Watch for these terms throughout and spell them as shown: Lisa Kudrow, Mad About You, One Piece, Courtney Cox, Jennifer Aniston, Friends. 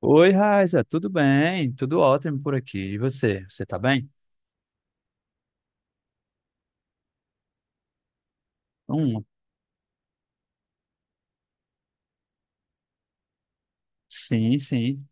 Oi, Raiza, tudo bem? Tudo ótimo por aqui. E você? Você tá bem? Hum, sim, sim.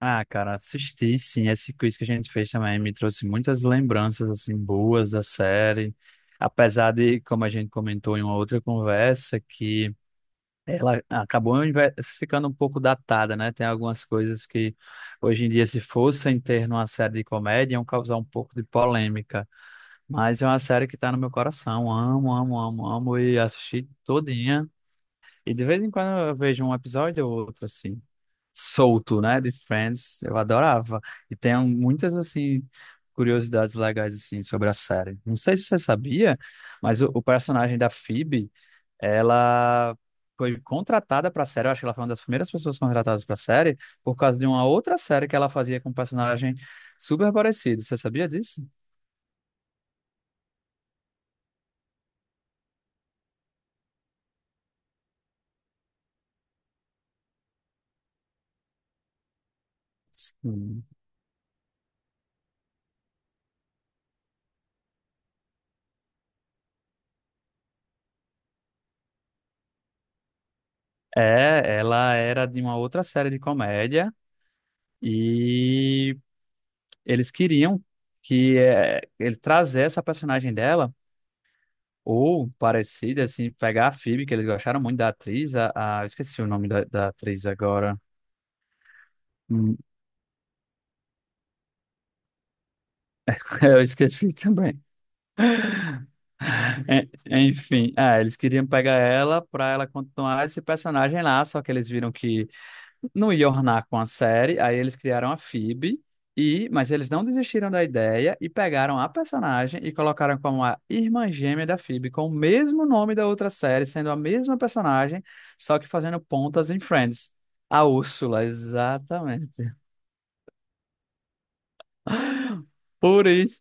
Ah, cara, assisti, sim. Esse quiz que a gente fez também me trouxe muitas lembranças, assim, boas da série. Apesar de, como a gente comentou em uma outra conversa, que ela acabou ficando um pouco datada, né? Tem algumas coisas que, hoje em dia, se fossem ter numa série de comédia, iam causar um pouco de polêmica. Mas é uma série que tá no meu coração. Amo, amo, amo, amo. E assisti todinha. E de vez em quando eu vejo um episódio ou outro, assim, solto, né, de Friends. Eu adorava. E tem muitas, assim, curiosidades legais, assim, sobre a série. Não sei se você sabia, mas o personagem da Phoebe, ela foi contratada pra série. Eu acho que ela foi uma das primeiras pessoas contratadas pra série por causa de uma outra série que ela fazia com um personagem super parecido. Você sabia disso? Sim. É, ela era de uma outra série de comédia. E eles queriam que ele trazesse essa personagem dela, ou parecida, assim, pegar a Phoebe, que eles gostaram muito da atriz, eu esqueci o nome da atriz agora. Hum, Eu esqueci também. En- Enfim, eles queriam pegar ela para ela continuar esse personagem lá, só que eles viram que não ia ornar com a série, aí eles criaram a Phoebe, mas eles não desistiram da ideia e pegaram a personagem e colocaram como a irmã gêmea da Phoebe, com o mesmo nome da outra série, sendo a mesma personagem, só que fazendo pontas em Friends. A Úrsula, exatamente. Por isso,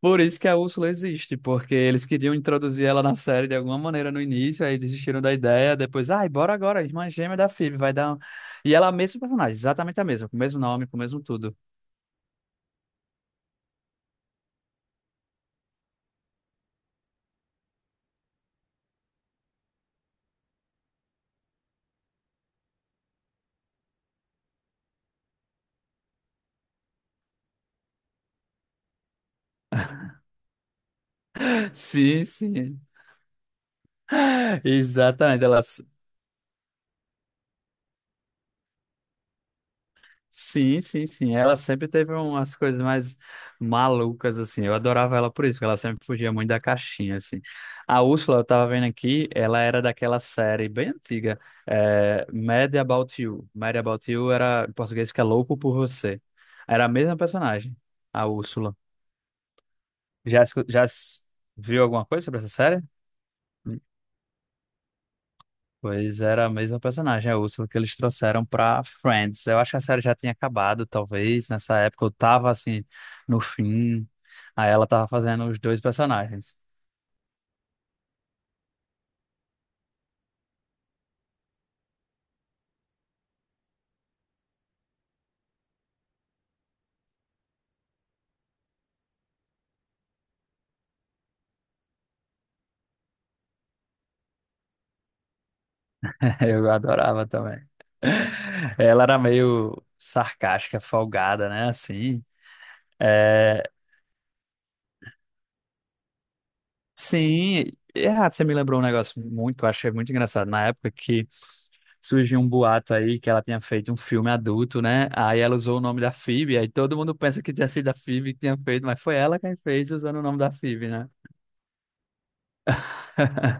por isso que a Úrsula existe, porque eles queriam introduzir ela na série de alguma maneira no início, aí desistiram da ideia, depois, ai, bora agora, irmã gêmea da Phoebe, vai dar. E ela é a mesma personagem, exatamente a mesma, com o mesmo nome, com o mesmo tudo. Sim, sim. Exatamente. Sim, sim, sim. Ela sempre teve umas coisas mais malucas, assim. Eu adorava ela por isso, porque ela sempre fugia muito da caixinha, assim. A Úrsula, eu tava vendo aqui, ela era daquela série bem antiga, Mad About You. Mad About You era, em português, que é Louco por Você. Era a mesma personagem, a Úrsula. Já, escu- já s- viu alguma coisa sobre essa série? Pois era a mesma personagem, a Úrsula, que eles trouxeram pra Friends. Eu acho que a série já tinha acabado, talvez, nessa época. Eu tava, assim, no fim. Aí ela tava fazendo os dois personagens. Eu adorava também. Ela era meio sarcástica, folgada, né? Assim. É, sim, ah, você me lembrou um negócio muito, que eu achei muito engraçado. Na época que surgiu um boato aí que ela tinha feito um filme adulto, né? Aí ela usou o nome da Phoebe, aí todo mundo pensa que tinha sido a Phoebe que tinha feito, mas foi ela quem fez usando o nome da Phoebe, né?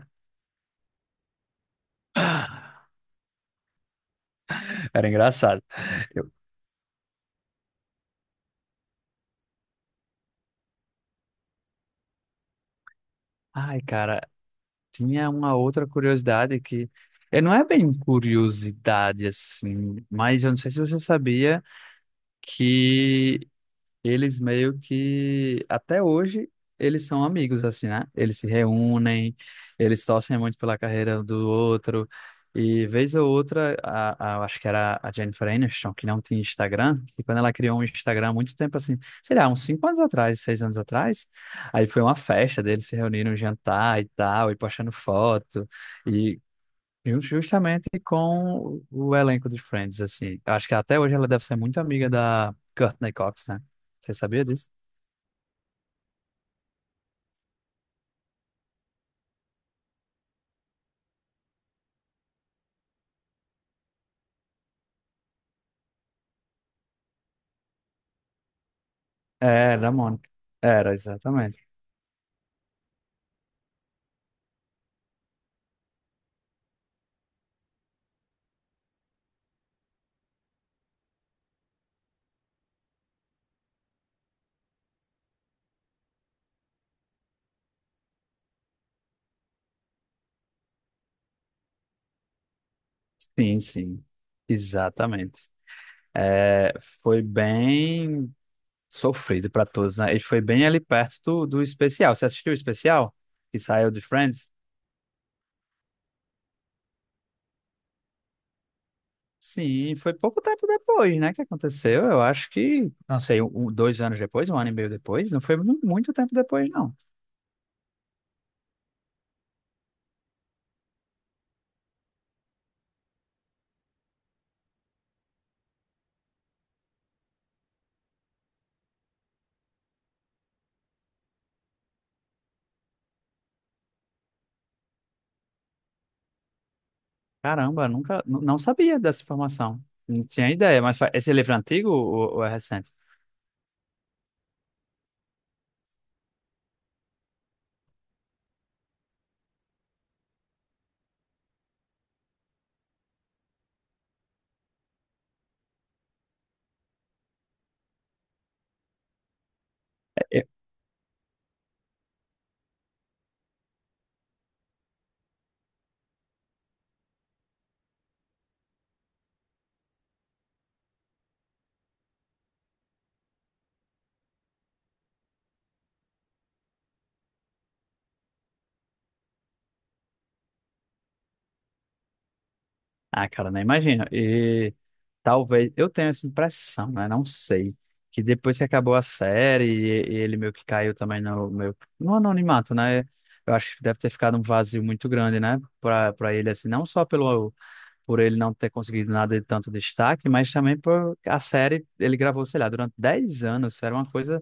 Era engraçado. Eu- Ai, cara, tinha uma outra curiosidade que não é bem curiosidade assim, mas eu não sei se você sabia que eles meio que até hoje eles são amigos assim, né? Eles se reúnem, eles torcem muito pela carreira um do outro. E vez ou outra, acho que era a Jennifer Aniston, que não tinha Instagram, e quando ela criou um Instagram há muito tempo assim, sei lá, uns 5 anos atrás, 6 anos atrás, aí foi uma festa deles se reuniram, jantar e tal, e postando foto, e Justamente com o elenco de Friends, assim. Acho que até hoje ela deve ser muito amiga da Courtney Cox, né? Você sabia disso? É, da Mônica. Era, exatamente. Sim, sim. Exatamente. É, foi bem sofrido para todos, né? E foi bem ali perto do especial. Você assistiu o especial que saiu de Friends? Sim, foi pouco tempo depois, né, que aconteceu. Eu acho que, não sei, um, 2 anos depois, um ano e meio depois. Não foi muito tempo depois, não. Caramba, nunca, não sabia dessa informação. Não tinha ideia, mas esse livro é antigo ou é recente? É, ah, cara, nem imagino. E talvez, eu tenho essa impressão, né? Não sei. Que depois que acabou a série e ele meio que caiu também no no anonimato, né? Eu acho que deve ter ficado um vazio muito grande, né? Pra ele, assim, não só por ele não ter conseguido nada de tanto destaque, mas também por a série, ele gravou, sei lá, durante 10 anos. Era uma coisa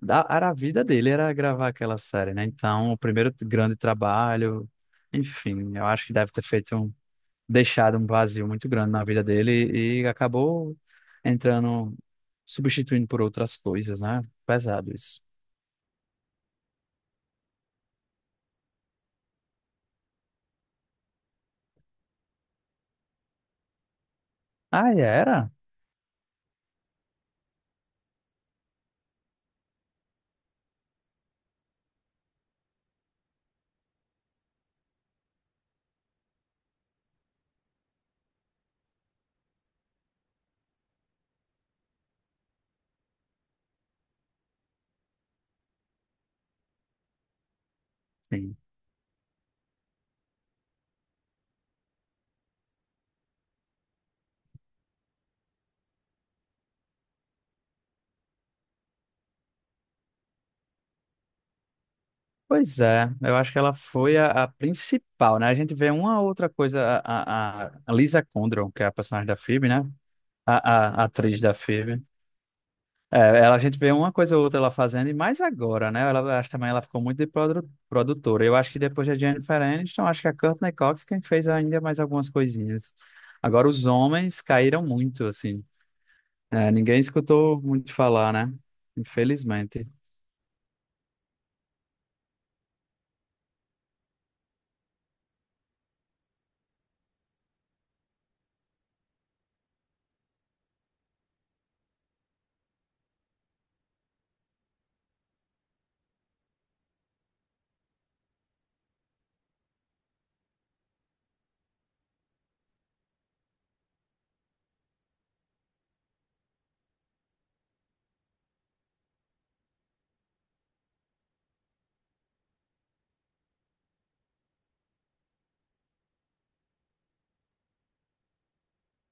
era a vida dele, era gravar aquela série, né? Então, o primeiro grande trabalho, enfim, eu acho que deve ter deixado um vazio muito grande na vida dele e acabou entrando, substituindo por outras coisas, né? Pesado isso. Ah, e era? Sim. Pois é, eu acho que ela foi a principal, né? A gente vê uma outra coisa, a Lisa Kudrow, que é a personagem da Phoebe, né? A atriz da Phoebe. É, ela, a gente vê uma coisa ou outra ela fazendo, e mais agora, né? Ela, eu acho também ela ficou muito de produtora. Eu acho que depois da Jennifer Aniston, acho que a Courtney Cox quem fez ainda mais algumas coisinhas. Agora os homens caíram muito, assim. É, ninguém escutou muito falar, né? Infelizmente.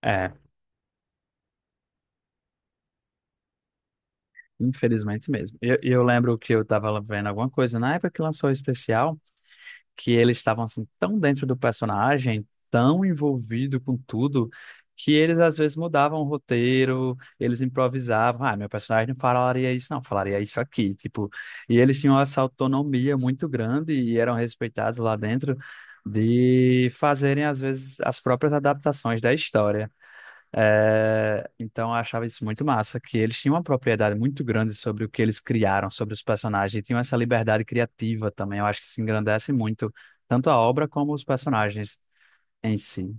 É, infelizmente mesmo. E eu lembro que eu tava vendo alguma coisa na época que lançou o especial, que eles estavam assim tão dentro do personagem, tão envolvido com tudo, que eles às vezes mudavam o roteiro, eles improvisavam, ah, meu personagem não falaria isso, não, falaria isso aqui, tipo, e eles tinham essa autonomia muito grande e eram respeitados lá dentro de fazerem às vezes as próprias adaptações da história. É, então eu achava isso muito massa, que eles tinham uma propriedade muito grande sobre o que eles criaram, sobre os personagens, e tinham essa liberdade criativa também. Eu acho que se engrandece muito, tanto a obra como os personagens em si.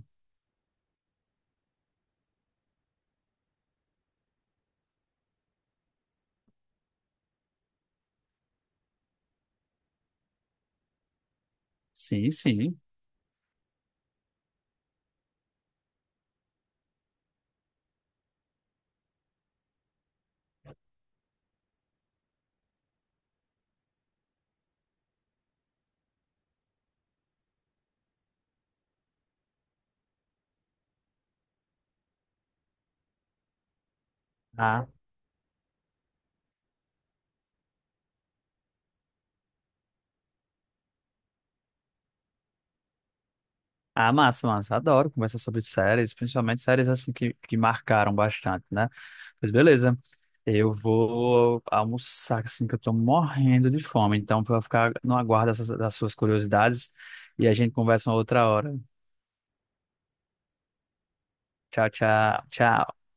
Sim, sim. Ah, ah, massa, massa. Adoro conversar sobre séries, principalmente séries assim que marcaram bastante, né? Pois beleza. Eu vou almoçar, assim, que eu tô morrendo de fome. Então, vou ficar no aguardo das suas curiosidades e a gente conversa uma outra hora. Tchau, tchau, tchau.